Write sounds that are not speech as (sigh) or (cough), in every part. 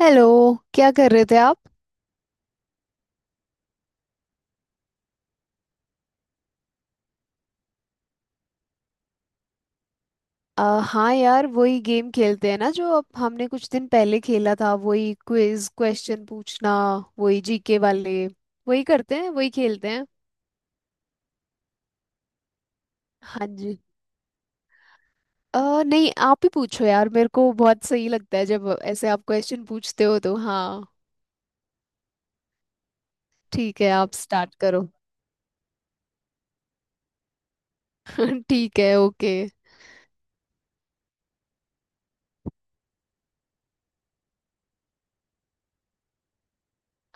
Hello. क्या कर रहे थे आप। अ, हाँ यार, वही गेम खेलते हैं ना जो अब हमने कुछ दिन पहले खेला था। वही क्विज क्वेश्चन पूछना। वही जीके वाले। वही करते हैं, वही खेलते हैं। हाँ जी। नहीं आप ही पूछो यार, मेरे को बहुत सही लगता है जब ऐसे आप क्वेश्चन पूछते हो तो। हाँ, ठीक है, आप स्टार्ट करो। (laughs) ठीक है, ओके।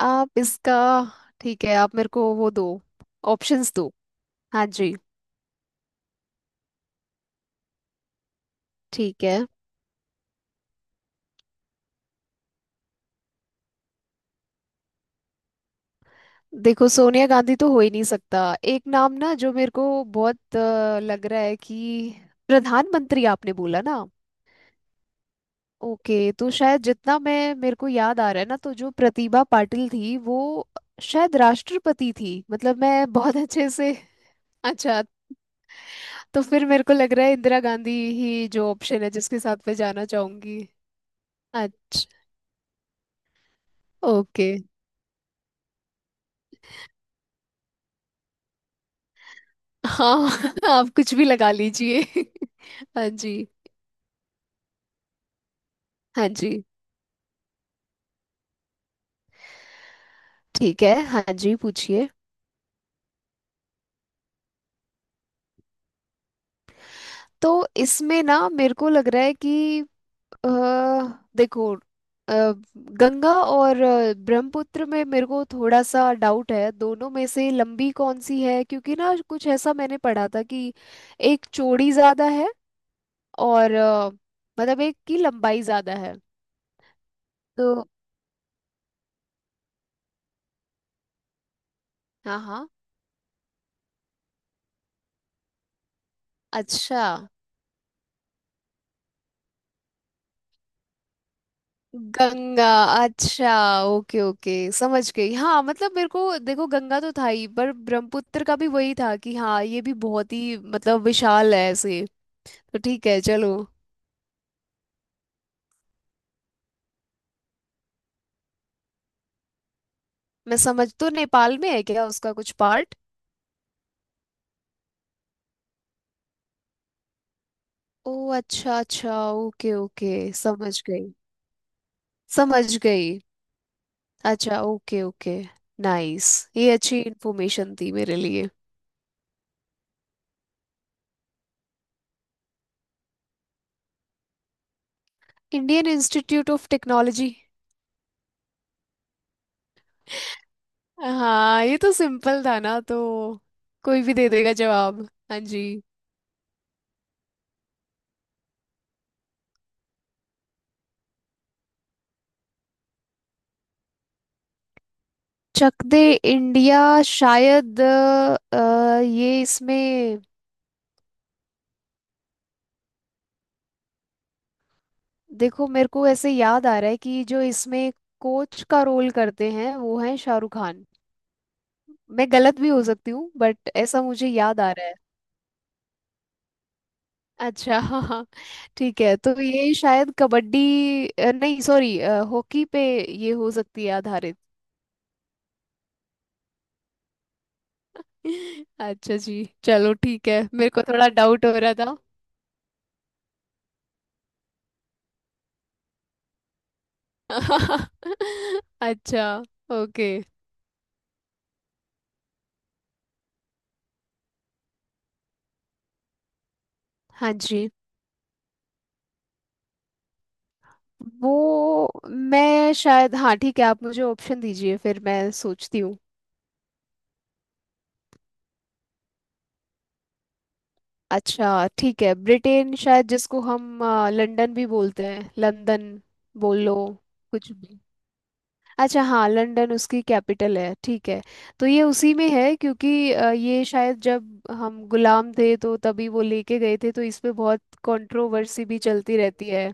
आप इसका ठीक है, आप मेरे को वो दो ऑप्शंस दो। हाँ जी। ठीक है। देखो, सोनिया गांधी तो हो ही नहीं सकता। एक नाम ना जो मेरे को बहुत लग रहा है कि प्रधानमंत्री आपने बोला ना। ओके, तो शायद जितना मैं मेरे को याद आ रहा है ना, तो जो प्रतिभा पाटिल थी वो शायद राष्ट्रपति थी, मतलब मैं बहुत (laughs) अच्छे से। अच्छा। तो फिर मेरे को लग रहा है इंदिरा गांधी ही जो ऑप्शन है जिसके साथ मैं जाना चाहूंगी। अच्छा, ओके। हाँ (laughs) आप कुछ भी लगा लीजिए (laughs) हाँ जी। हाँ जी, ठीक है। हाँ जी, पूछिए। तो इसमें ना मेरे को लग रहा है कि अ, देखो, अ, गंगा और ब्रह्मपुत्र में मेरे को थोड़ा सा डाउट है दोनों में से लंबी कौन सी है, क्योंकि ना कुछ ऐसा मैंने पढ़ा था कि एक चौड़ी ज्यादा है और मतलब एक की लंबाई ज्यादा है तो। हाँ हाँ। अच्छा। गंगा। अच्छा, ओके ओके, समझ गई। हाँ मतलब मेरे को देखो गंगा तो था ही, पर ब्रह्मपुत्र का भी वही था कि हाँ ये भी बहुत ही मतलब विशाल है ऐसे। तो ठीक है चलो। मैं समझ, तो नेपाल में है क्या उसका कुछ पार्ट। ओ अच्छा अच्छा, ओके ओके, समझ गई। समझ गई। अच्छा, ओके ओके। नाइस। ये अच्छी इन्फॉर्मेशन थी मेरे लिए। Indian Institute of Technology. हाँ ये तो सिंपल था ना तो, कोई भी दे देगा जवाब। हाँ जी। चक दे इंडिया। शायद ये इसमें, देखो मेरे को ऐसे याद आ रहा है कि जो इसमें कोच का रोल करते हैं वो है शाहरुख खान। मैं गलत भी हो सकती हूँ, बट ऐसा मुझे याद आ रहा है। अच्छा हाँ हाँ। ठीक है, तो ये शायद कबड्डी नहीं सॉरी, हॉकी पे ये हो सकती है आधारित। (laughs) अच्छा जी, चलो ठीक है, मेरे को थोड़ा डाउट हो रहा था। (laughs) अच्छा, ओके। हाँ जी। वो, मैं शायद, हाँ ठीक है, आप मुझे ऑप्शन दीजिए फिर मैं सोचती हूँ। अच्छा ठीक है, ब्रिटेन शायद, जिसको हम लंदन भी बोलते हैं, लंदन। बोल लो कुछ भी। अच्छा हाँ, लंदन उसकी कैपिटल है, ठीक है। तो ये उसी में है क्योंकि ये शायद जब हम गुलाम थे तो तभी वो लेके गए थे, तो इस पे बहुत कंट्रोवर्सी भी चलती रहती है।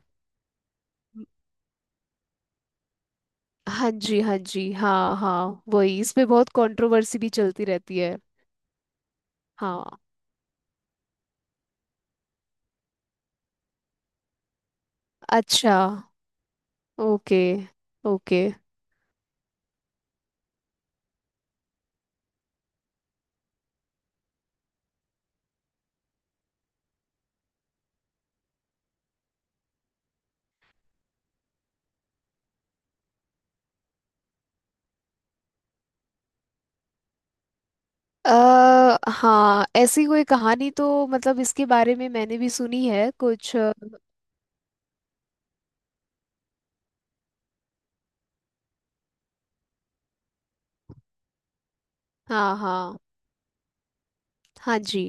हाँ जी हाँ जी हाँ हाँ, वही इसमें बहुत कंट्रोवर्सी भी चलती रहती है। हाँ। अच्छा, ओके ओके। अ हाँ, ऐसी कोई कहानी तो मतलब इसके बारे में मैंने भी सुनी है कुछ हाँ हाँ। हाँ जी।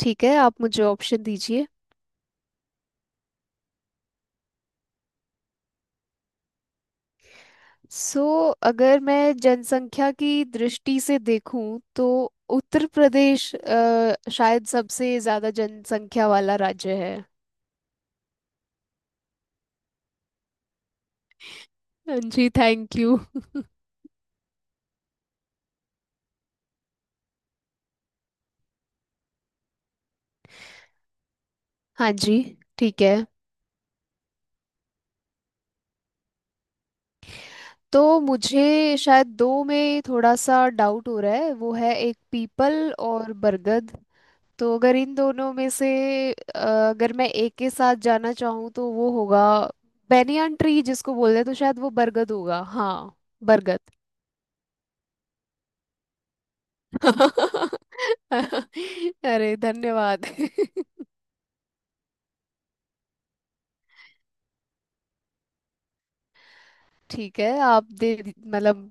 ठीक है, आप मुझे ऑप्शन दीजिए। सो अगर मैं जनसंख्या की दृष्टि से देखूं तो उत्तर प्रदेश शायद सबसे ज्यादा जनसंख्या वाला राज्य है। हाँ जी, थैंक यू। हाँ जी। ठीक है, तो मुझे शायद दो में थोड़ा सा डाउट हो रहा है, वो है एक पीपल और बरगद। तो अगर इन दोनों में से अ, अगर मैं एक के साथ जाना चाहूँ तो वो होगा बेनियन ट्री जिसको बोलते हैं, तो शायद वो बरगद होगा। हाँ। बरगद। (laughs) अरे धन्यवाद (laughs) ठीक है, आप दे, मतलब।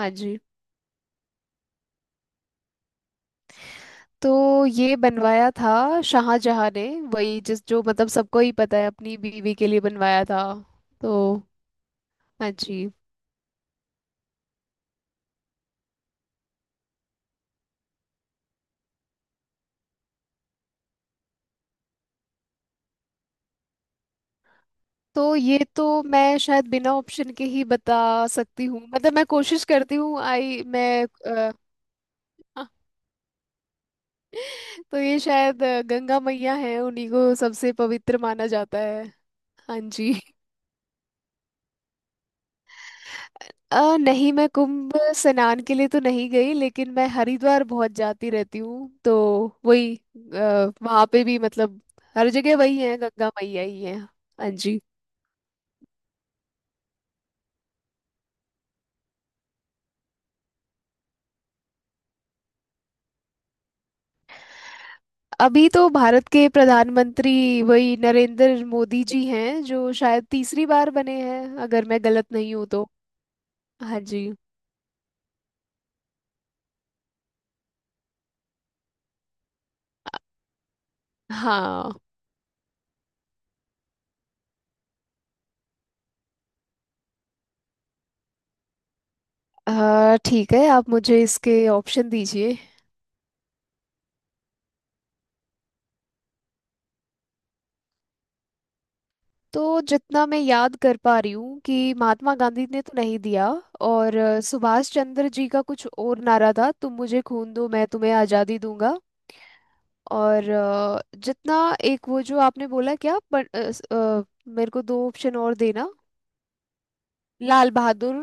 हाँ जी। तो ये बनवाया था शाहजहां ने। वही जिस जो, मतलब सबको ही पता है, अपनी बीवी के लिए बनवाया था तो। हाँ जी। तो ये तो मैं शायद बिना ऑप्शन के ही बता सकती हूँ, मतलब मैं कोशिश करती हूँ आई मैं (laughs) तो ये शायद गंगा मैया है, उन्हीं को सबसे पवित्र माना जाता है। हाँ जी। नहीं मैं कुंभ स्नान के लिए तो नहीं गई, लेकिन मैं हरिद्वार बहुत जाती रहती हूँ, तो वही वहाँ पे भी मतलब, हर जगह वही है, गंगा मैया ही है। हाँ जी। अभी तो भारत के प्रधानमंत्री वही नरेंद्र मोदी जी हैं जो शायद तीसरी बार बने हैं, अगर मैं गलत नहीं हूँ तो। हाँ जी। हाँ। ठीक है, आप मुझे इसके ऑप्शन दीजिए। तो जितना मैं याद कर पा रही हूँ कि महात्मा गांधी ने तो नहीं दिया, और सुभाष चंद्र जी का कुछ और नारा था, तुम मुझे खून दो मैं तुम्हें आज़ादी दूंगा। और जितना एक वो जो आपने बोला क्या पर, मेरे को दो ऑप्शन और देना। लाल बहादुर।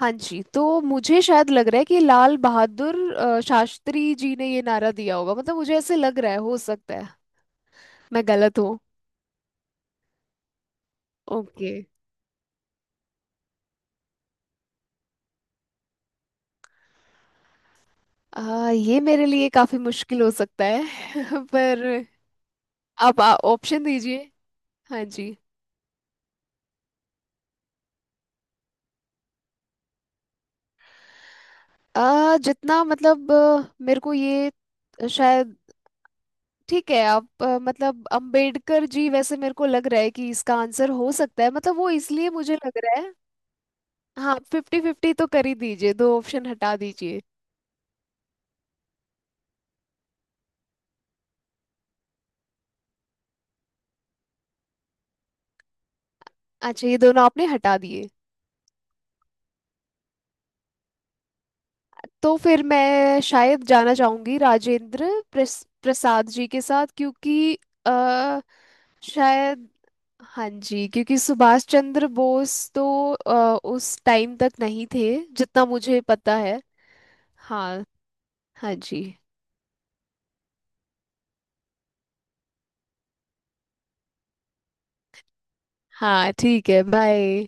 हाँ जी, तो मुझे शायद लग रहा है कि लाल बहादुर शास्त्री जी ने ये नारा दिया होगा, मतलब मुझे ऐसे लग रहा है, हो सकता है मैं गलत हूँ। ओके। ये मेरे लिए काफी मुश्किल हो सकता है (laughs) पर आप ऑप्शन दीजिए। हाँ जी। जितना मतलब, मेरे को ये शायद, ठीक है आप, मतलब अंबेडकर जी वैसे मेरे को लग रहा है कि इसका आंसर हो सकता है, मतलब वो इसलिए मुझे लग रहा है। हाँ फिफ्टी फिफ्टी तो कर ही दीजिए, दो ऑप्शन हटा दीजिए। अच्छा ये दोनों आपने हटा दिए। तो फिर मैं शायद जाना चाहूंगी राजेंद्र प्रसाद जी के साथ क्योंकि आ, शायद हाँ जी, क्योंकि सुभाष चंद्र बोस तो उस टाइम तक नहीं थे जितना मुझे पता है। हाँ। हाँ जी। हाँ ठीक है, बाय।